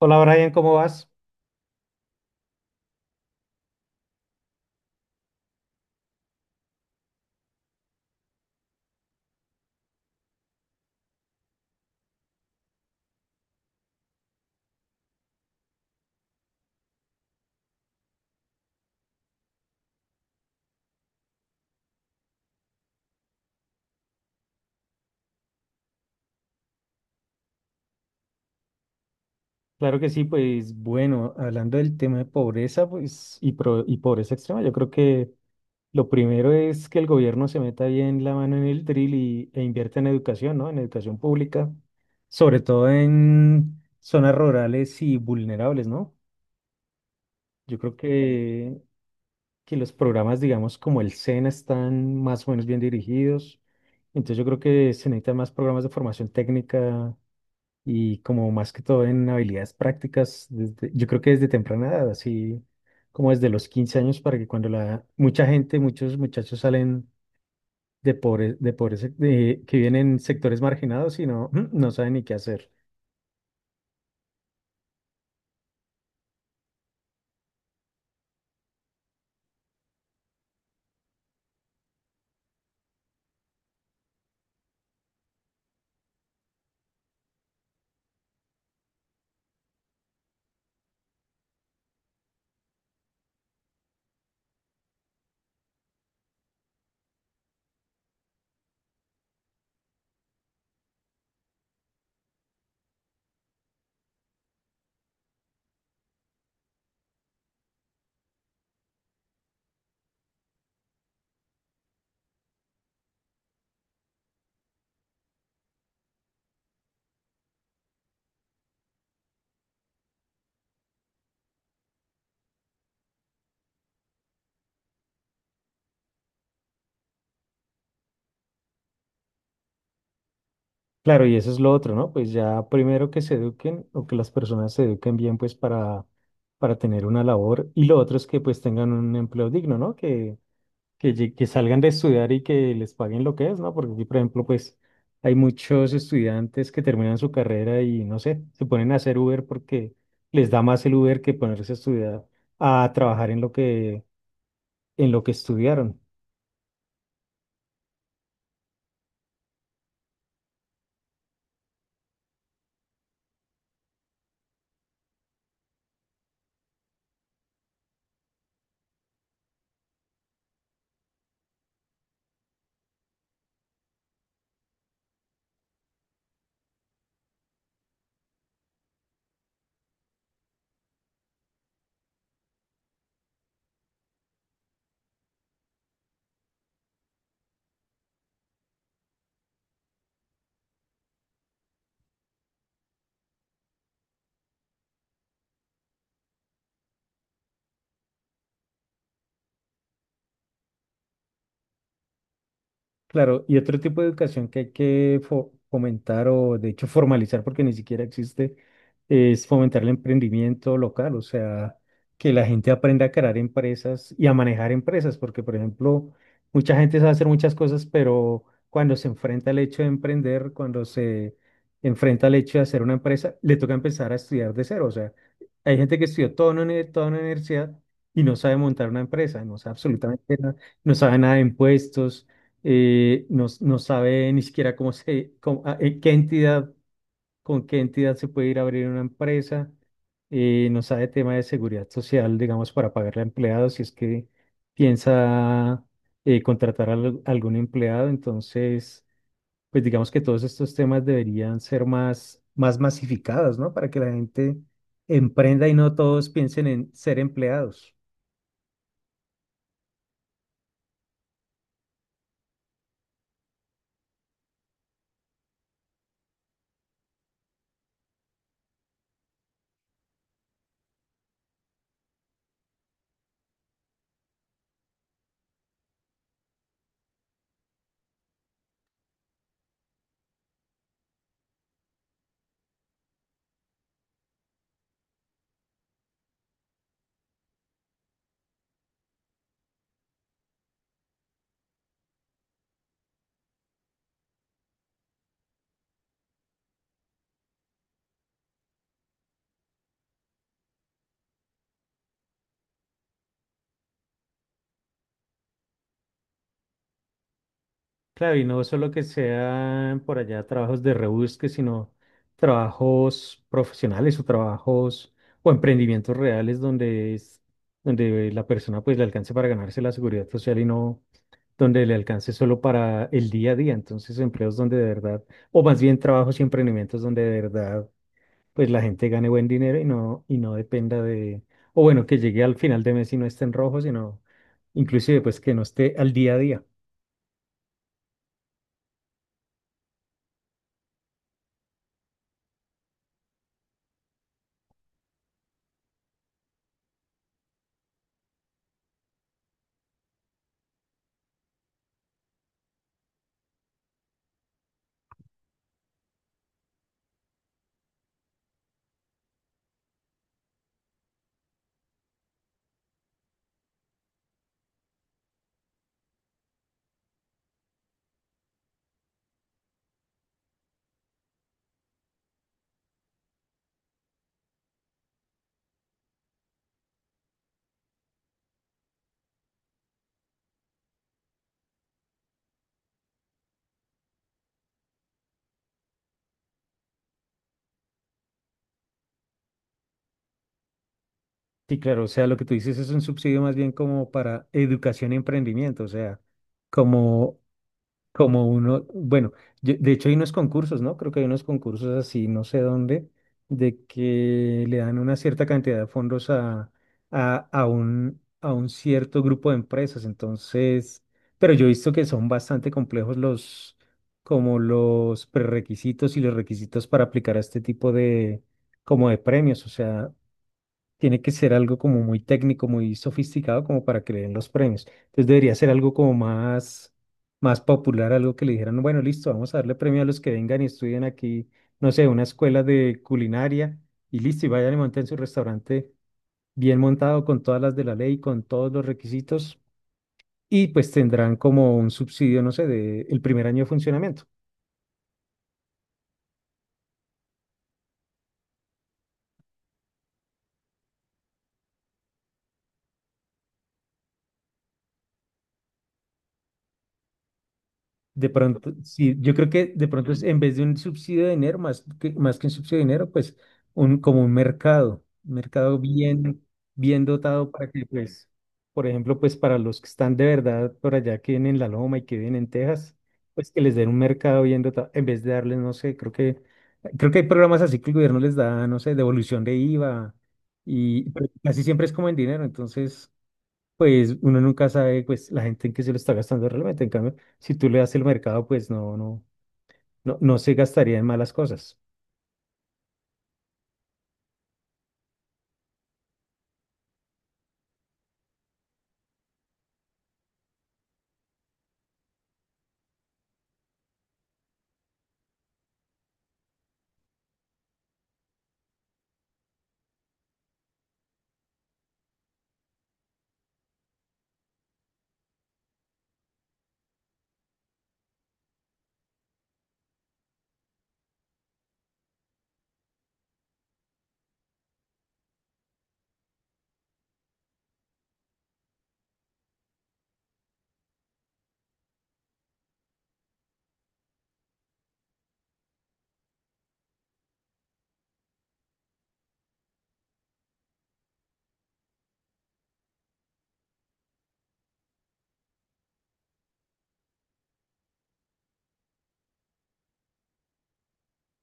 Hola Brian, ¿cómo vas? Claro que sí, pues bueno, hablando del tema de pobreza pues, y, pobreza extrema, yo creo que lo primero es que el gobierno se meta bien la mano en el drill y, e invierta en educación, ¿no? En educación pública, sobre todo en zonas rurales y vulnerables, ¿no? Yo creo que los programas, digamos, como el SENA están más o menos bien dirigidos. Entonces yo creo que se necesitan más programas de formación técnica y como más que todo en habilidades prácticas, yo creo que desde temprana edad, así como desde los 15 años, para que cuando la mucha gente, muchos muchachos salen de pobres, que vienen en sectores marginados y no, no saben ni qué hacer. Claro, y eso es lo otro, ¿no? Pues ya primero que se eduquen o que las personas se eduquen bien, pues para tener una labor. Y lo otro es que pues tengan un empleo digno, ¿no? Que que salgan de estudiar y que les paguen lo que es, ¿no? Porque aquí, por ejemplo, pues hay muchos estudiantes que terminan su carrera y, no sé, se ponen a hacer Uber porque les da más el Uber que ponerse a estudiar, a trabajar en lo que estudiaron. Claro, y otro tipo de educación que hay que fomentar o de hecho formalizar porque ni siquiera existe es fomentar el emprendimiento local, o sea, que la gente aprenda a crear empresas y a manejar empresas, porque por ejemplo, mucha gente sabe hacer muchas cosas, pero cuando se enfrenta al hecho de emprender, cuando se enfrenta al hecho de hacer una empresa, le toca empezar a estudiar de cero. O sea, hay gente que estudió toda una universidad y no sabe montar una empresa, no sabe absolutamente nada, no sabe nada de impuestos. No sabe ni siquiera cómo se, cómo- a- qué entidad, con qué entidad se puede ir a abrir una empresa. No sabe tema de seguridad social, digamos, para pagarle a empleados, si es que piensa contratar a algún empleado. Entonces, pues digamos que todos estos temas deberían ser más, más masificados, ¿no? Para que la gente emprenda y no todos piensen en ser empleados. Claro, y no solo que sean por allá trabajos de rebusque, sino trabajos profesionales o trabajos o emprendimientos reales donde es, donde la persona pues le alcance para ganarse la seguridad social y no donde le alcance solo para el día a día. Entonces, empleos donde de verdad, o más bien trabajos y emprendimientos donde de verdad pues la gente gane buen dinero y no dependa de, o bueno, que llegue al final de mes y no esté en rojo, sino inclusive pues que no esté al día a día. Sí, claro, o sea, lo que tú dices es un subsidio más bien como para educación y emprendimiento, o sea, como. Como uno, bueno, de hecho hay unos concursos, ¿no? Creo que hay unos concursos así, no sé dónde, de que le dan una cierta cantidad de fondos a un cierto grupo de empresas. Entonces, pero yo he visto que son bastante complejos los, como los prerrequisitos y los requisitos para aplicar a este tipo de, como de premios. O sea, tiene que ser algo como muy técnico, muy sofisticado como para que le den los premios. Entonces debería ser algo como más, más popular, algo que le dijeran, bueno, listo, vamos a darle premio a los que vengan y estudien aquí, no sé, una escuela de culinaria y listo, y vayan y monten su restaurante bien montado con todas las de la ley, con todos los requisitos y pues tendrán como un subsidio, no sé, de el primer año de funcionamiento. De pronto, sí, yo creo que de pronto es en vez de un subsidio de dinero, más que un subsidio de dinero, pues un, como un mercado bien, bien dotado para que, pues, por ejemplo, pues para los que están de verdad por allá, que vienen en La Loma y que vienen en Texas, pues que les den un mercado bien dotado, en vez de darles, no sé, creo que hay programas así que el gobierno les da, no sé, devolución de IVA, y pero casi siempre es como en dinero, entonces pues uno nunca sabe pues la gente en qué se lo está gastando realmente. En cambio, si tú le das el mercado, pues no se gastaría en malas cosas.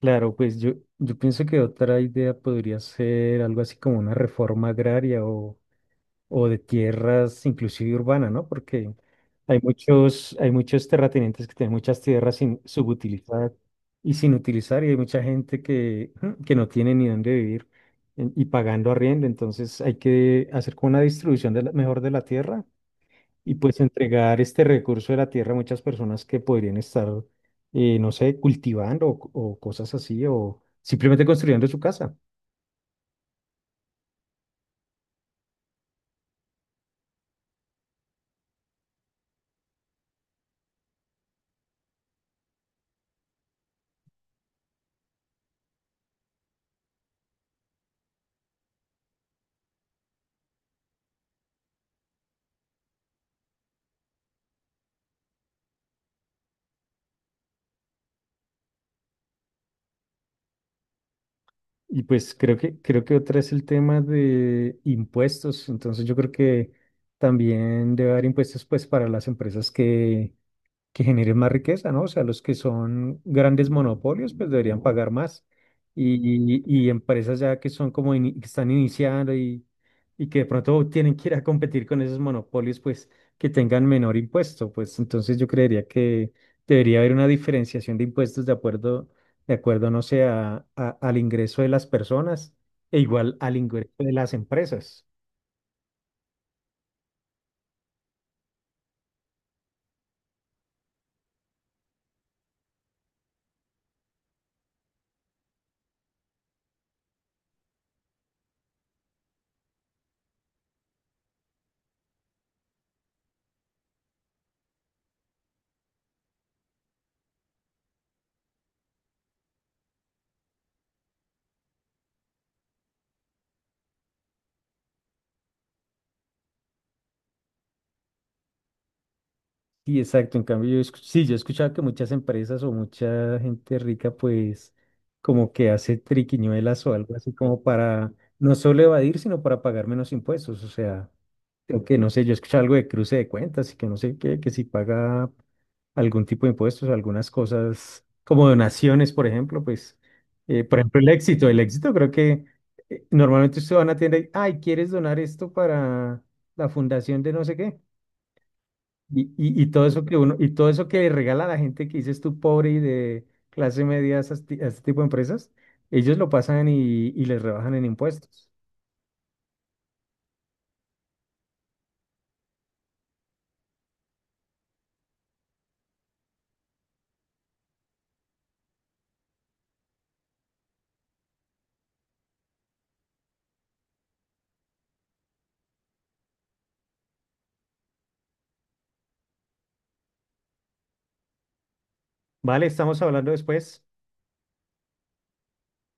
Claro, pues yo pienso que otra idea podría ser algo así como una reforma agraria o de tierras inclusive urbanas, ¿no? Porque hay muchos terratenientes que tienen muchas tierras sin subutilizar y sin utilizar, y hay mucha gente que, que no tiene ni dónde vivir y pagando arriendo. Entonces hay que hacer como una distribución de mejor de la tierra y pues entregar este recurso de la tierra a muchas personas que podrían estar, no sé, cultivando o cosas así, o simplemente construyendo su casa. Y pues creo que otra es el tema de impuestos. Entonces yo creo que también debe haber impuestos pues para las empresas que generen más riqueza, ¿no? O sea, los que son grandes monopolios, pues deberían pagar más. Y empresas ya que son como que están iniciando y que de pronto tienen que ir a competir con esos monopolios, pues que tengan menor impuesto. Pues entonces yo creería que debería haber una diferenciación de impuestos de acuerdo, no sé, al ingreso de las personas e igual al ingreso de las empresas. Sí, exacto. En cambio, sí, yo he escuchado que muchas empresas o mucha gente rica, pues, como que hace triquiñuelas o algo así como para no solo evadir, sino para pagar menos impuestos. O sea, creo que no sé, yo he escuchado algo de cruce de cuentas y que no sé qué, que si paga algún tipo de impuestos, algunas cosas como donaciones, por ejemplo, pues, por ejemplo, el éxito. El éxito creo que normalmente usted va a una tienda y, ay, ¿quieres donar esto para la fundación de no sé qué? Y todo eso que uno, y todo eso que regala a la gente que dices tú pobre y de clase media a esas a ese tipo de empresas, ellos lo pasan y les rebajan en impuestos. Vale, estamos hablando después.